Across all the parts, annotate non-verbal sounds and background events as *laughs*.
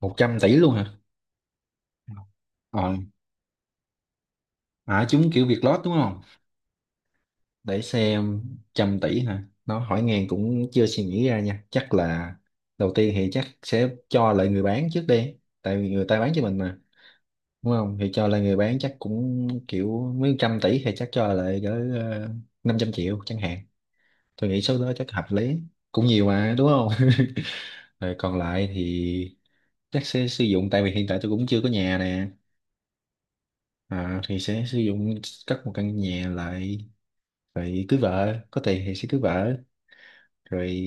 Một trăm tỷ luôn hả? Ờ, à, chúng kiểu Việt lót đúng không? Để xem trăm tỷ hả? Nó hỏi ngang cũng chưa suy nghĩ ra nha. Chắc là đầu tiên thì chắc sẽ cho lại người bán trước đi. Tại vì người ta bán cho mình mà. Đúng không? Thì cho lại người bán chắc cũng kiểu mấy trăm tỷ thì chắc cho lại cỡ ờ, 500 triệu chẳng hạn. Tôi nghĩ số đó chắc hợp lý. Cũng nhiều mà đúng không? *laughs* Rồi còn lại thì chắc sẽ sử dụng, tại vì hiện tại tôi cũng chưa có nhà nè, thì sẽ sử dụng cất một căn nhà lại, rồi cưới vợ, có tiền thì sẽ cưới vợ, rồi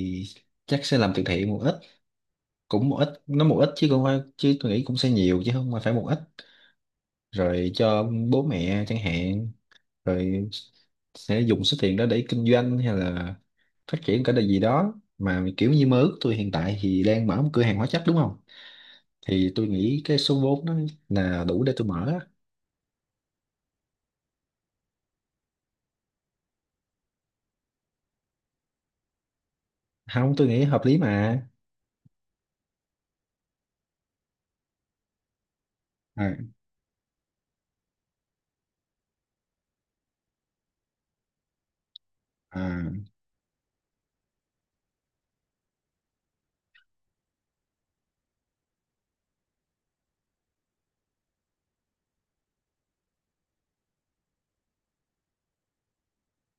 chắc sẽ làm từ thiện một ít. Cũng một ít, nó một ít, chứ không phải, chứ tôi nghĩ cũng sẽ nhiều chứ không phải một ít, rồi cho bố mẹ chẳng hạn, rồi sẽ dùng số tiền đó để kinh doanh hay là phát triển cái điều gì đó mà kiểu như mơ ước. Tôi hiện tại thì đang mở một cửa hàng hóa chất đúng không, thì tôi nghĩ cái số vốn đó là đủ để tôi mở á. Không, tôi nghĩ hợp lý mà. À, à,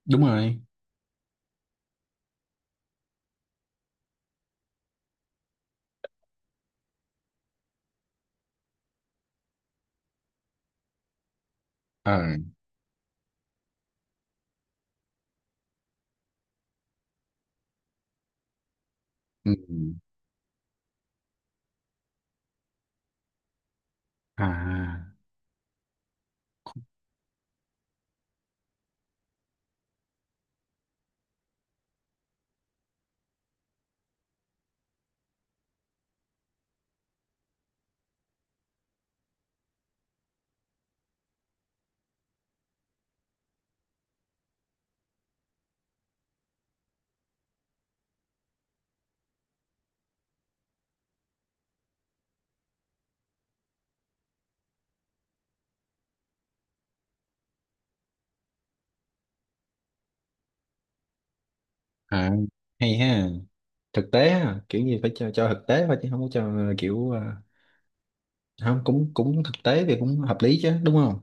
đúng rồi. Ờ. Ừ. À. À. Hay ha. Thực tế ha, kiểu như phải cho thực tế thôi chứ không có cho kiểu không. Cũng cũng thực tế thì cũng hợp lý chứ đúng không?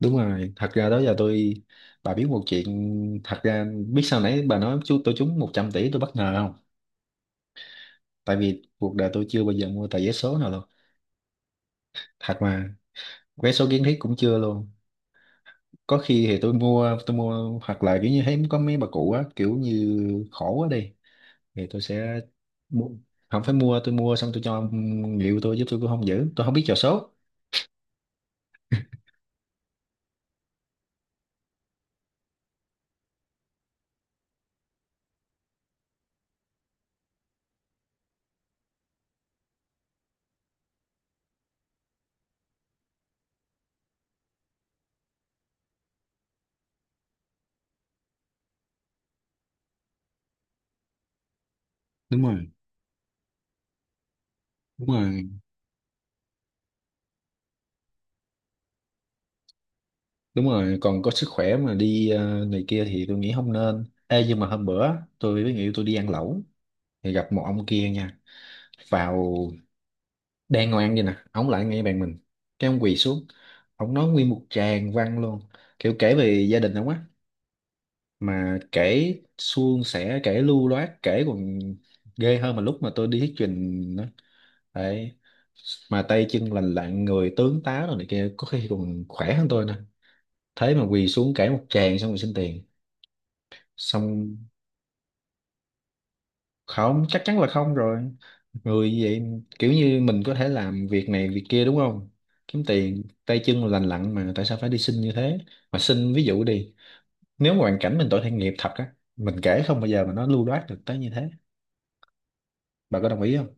Đúng rồi. Thật ra đó giờ tôi, bà biết một chuyện, thật ra biết sao, nãy bà nói chú tôi trúng 100 tỷ tôi bất ngờ không. Tại vì cuộc đời tôi chưa bao giờ mua tờ vé số nào luôn, thật mà, vé số kiến thiết cũng chưa luôn. Có khi thì tôi mua hoặc là kiểu như thấy có mấy bà cụ á, kiểu như khổ quá đi, thì tôi sẽ mua. Không phải mua, tôi mua xong tôi cho người yêu tôi, giúp tôi cũng không giữ, tôi không biết trò số. Đúng rồi. Đúng rồi. Đúng rồi, còn có sức khỏe mà đi này kia thì tôi nghĩ không nên. Ê, nhưng mà hôm bữa tôi với người yêu tôi đi ăn lẩu thì gặp một ông kia nha, vào đang ngồi ăn vậy nè, ông lại ngay bàn mình, cái ông quỳ xuống, ông nói nguyên một tràng văn luôn, kiểu kể về gia đình ông á, mà kể suôn sẻ, kể lưu loát, kể còn ghê hơn mà lúc mà tôi đi thuyết trình nữa. Đấy, mà tay chân lành lặn, người tướng tá rồi này kia, có khi còn khỏe hơn tôi nè, thế mà quỳ xuống cãi một tràng xong rồi xin tiền. Xong không, chắc chắn là không rồi. Người như vậy, kiểu như mình có thể làm việc này việc kia đúng không, kiếm tiền, tay chân lành lặn mà tại sao phải đi xin như thế? Mà xin ví dụ đi, nếu mà hoàn cảnh mình tội thiện nghiệp thật á, mình kể không bao giờ mà nó lưu loát được tới như thế. Bà có đồng ý không?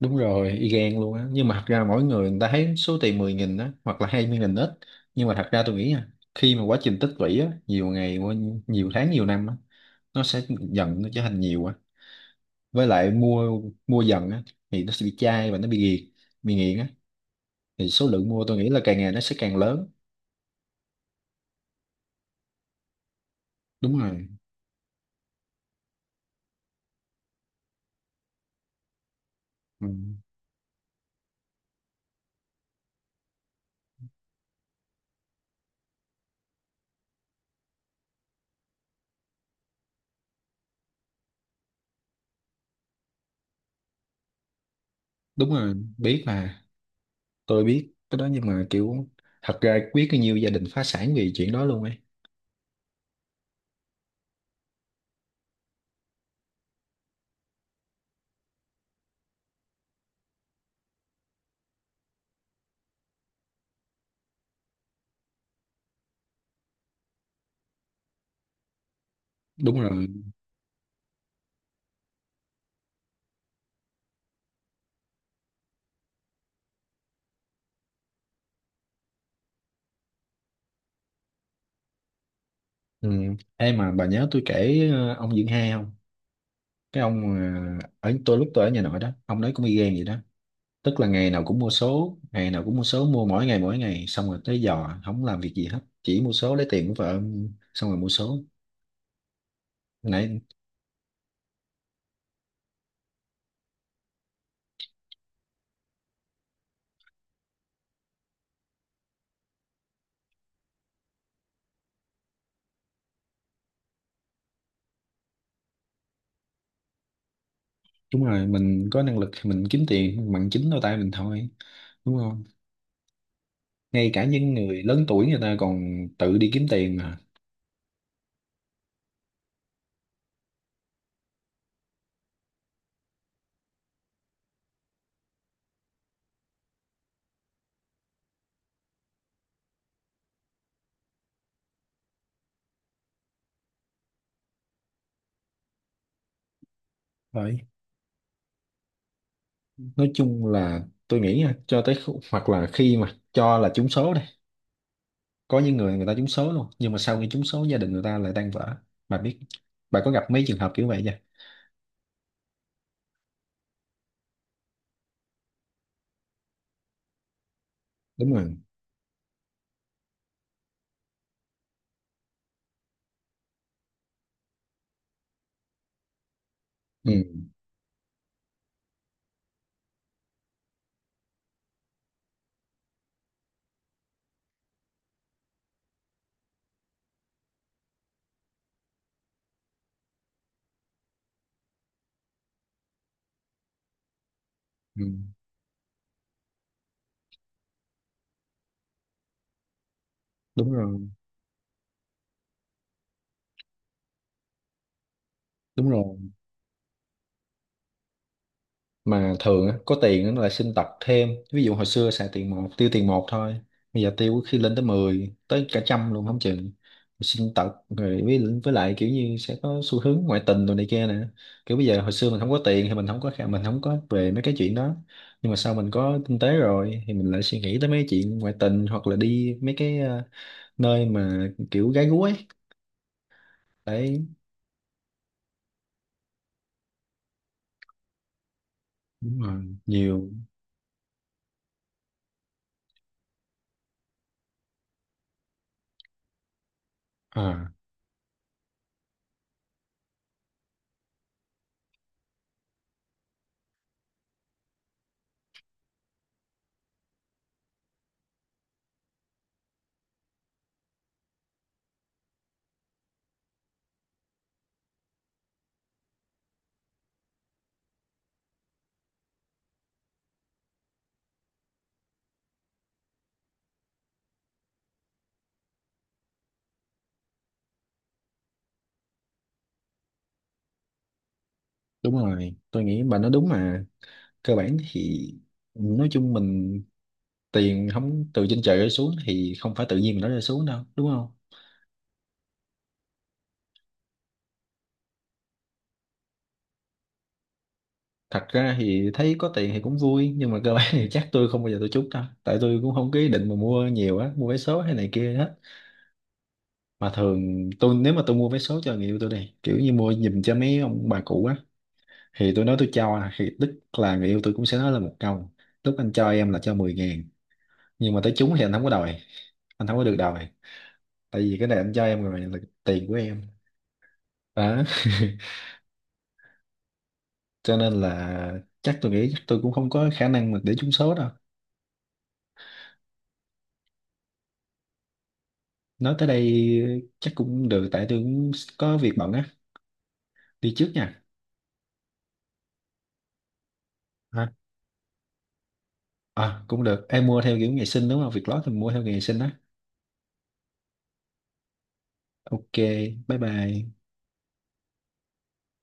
Đúng rồi, y gan luôn á. Nhưng mà thật ra mỗi người, người ta thấy số tiền 10.000 á hoặc là 20.000 ít, nhưng mà thật ra tôi nghĩ nha, khi mà quá trình tích lũy á, nhiều ngày qua, nhiều tháng nhiều năm á, nó sẽ dần nó trở thành nhiều á. Với lại mua, mua dần á, thì nó sẽ bị chai và nó bị nghiện. Bị nghiện á thì số lượng mua tôi nghĩ là càng ngày nó sẽ càng lớn. Đúng rồi. Ừ. Đúng rồi, biết mà. Tôi biết cái đó, nhưng mà kiểu, thật ra biết bao nhiêu gia đình phá sản vì chuyện đó luôn ấy. Đúng rồi. Ừ. Ê, mà bà nhớ tôi kể ông Dưỡng Hai không? Cái ông ở tôi lúc tôi ở nhà nội đó, ông đấy cũng y gan vậy đó. Tức là ngày nào cũng mua số, ngày nào cũng mua số, mua mỗi ngày mỗi ngày, xong rồi tới giò không làm việc gì hết, chỉ mua số, lấy tiền của vợ xong rồi mua số. Nãy. Đúng rồi, mình có năng lực thì mình kiếm tiền bằng chính đôi tay mình thôi, đúng không? Ngay cả những người lớn tuổi người ta còn tự đi kiếm tiền mà. Đấy. Nói chung là, tôi nghĩ nha, cho tới hoặc là khi mà cho là trúng số, có những người người ta trúng số luôn nhưng mà sau khi trúng số gia đình người ta lại tan vỡ. Bà biết, bà có gặp mấy trường hợp kiểu vậy chưa? Đúng rồi. Ừ. Ừ. Đúng rồi. Đúng rồi, mà thường á, có tiền nó lại xin tật thêm. Ví dụ hồi xưa xài tiền một, tiêu tiền một thôi, bây giờ tiêu có khi lên tới 10 tới cả trăm luôn không chừng. Rồi xin tật rồi, với lại kiểu như sẽ có xu hướng ngoại tình rồi này kia nè. Kiểu bây giờ, hồi xưa mình không có tiền thì mình không có mình không có về mấy cái chuyện đó, nhưng mà sau mình có kinh tế rồi thì mình lại suy nghĩ tới mấy chuyện ngoại tình hoặc là đi mấy cái nơi mà kiểu gái gú ấy. Đấy. Đúng rồi, nhiều. À, đúng rồi, tôi nghĩ bà nói đúng mà. Cơ bản thì, nói chung, mình tiền không từ trên trời rơi xuống thì không phải tự nhiên mà nó rơi xuống đâu, đúng không? Thật ra thì thấy có tiền thì cũng vui, nhưng mà cơ bản thì chắc tôi không bao giờ tôi trút đâu, tại tôi cũng không có ý định mà mua nhiều á, mua vé số hay này kia hết. Mà thường tôi, nếu mà tôi mua vé số cho người yêu tôi đi, kiểu như mua giùm cho mấy ông bà cụ á, thì tôi nói tôi cho, thì tức là người yêu tôi cũng sẽ nói là một câu: lúc anh cho em là cho 10 ngàn, nhưng mà tới trúng thì anh không có đòi, anh không có được đòi, tại vì cái này anh cho em rồi là tiền của em. Đó. *laughs* Cho nên là chắc tôi nghĩ chắc tôi cũng không có khả năng mà để trúng số đâu. Nói tới đây chắc cũng được, tại tôi cũng có việc bận á, đi trước nha. Hả? À cũng được, em mua theo kiểu ngày sinh đúng không, việc lót thì mua theo ngày sinh á. Ok. Bye bye.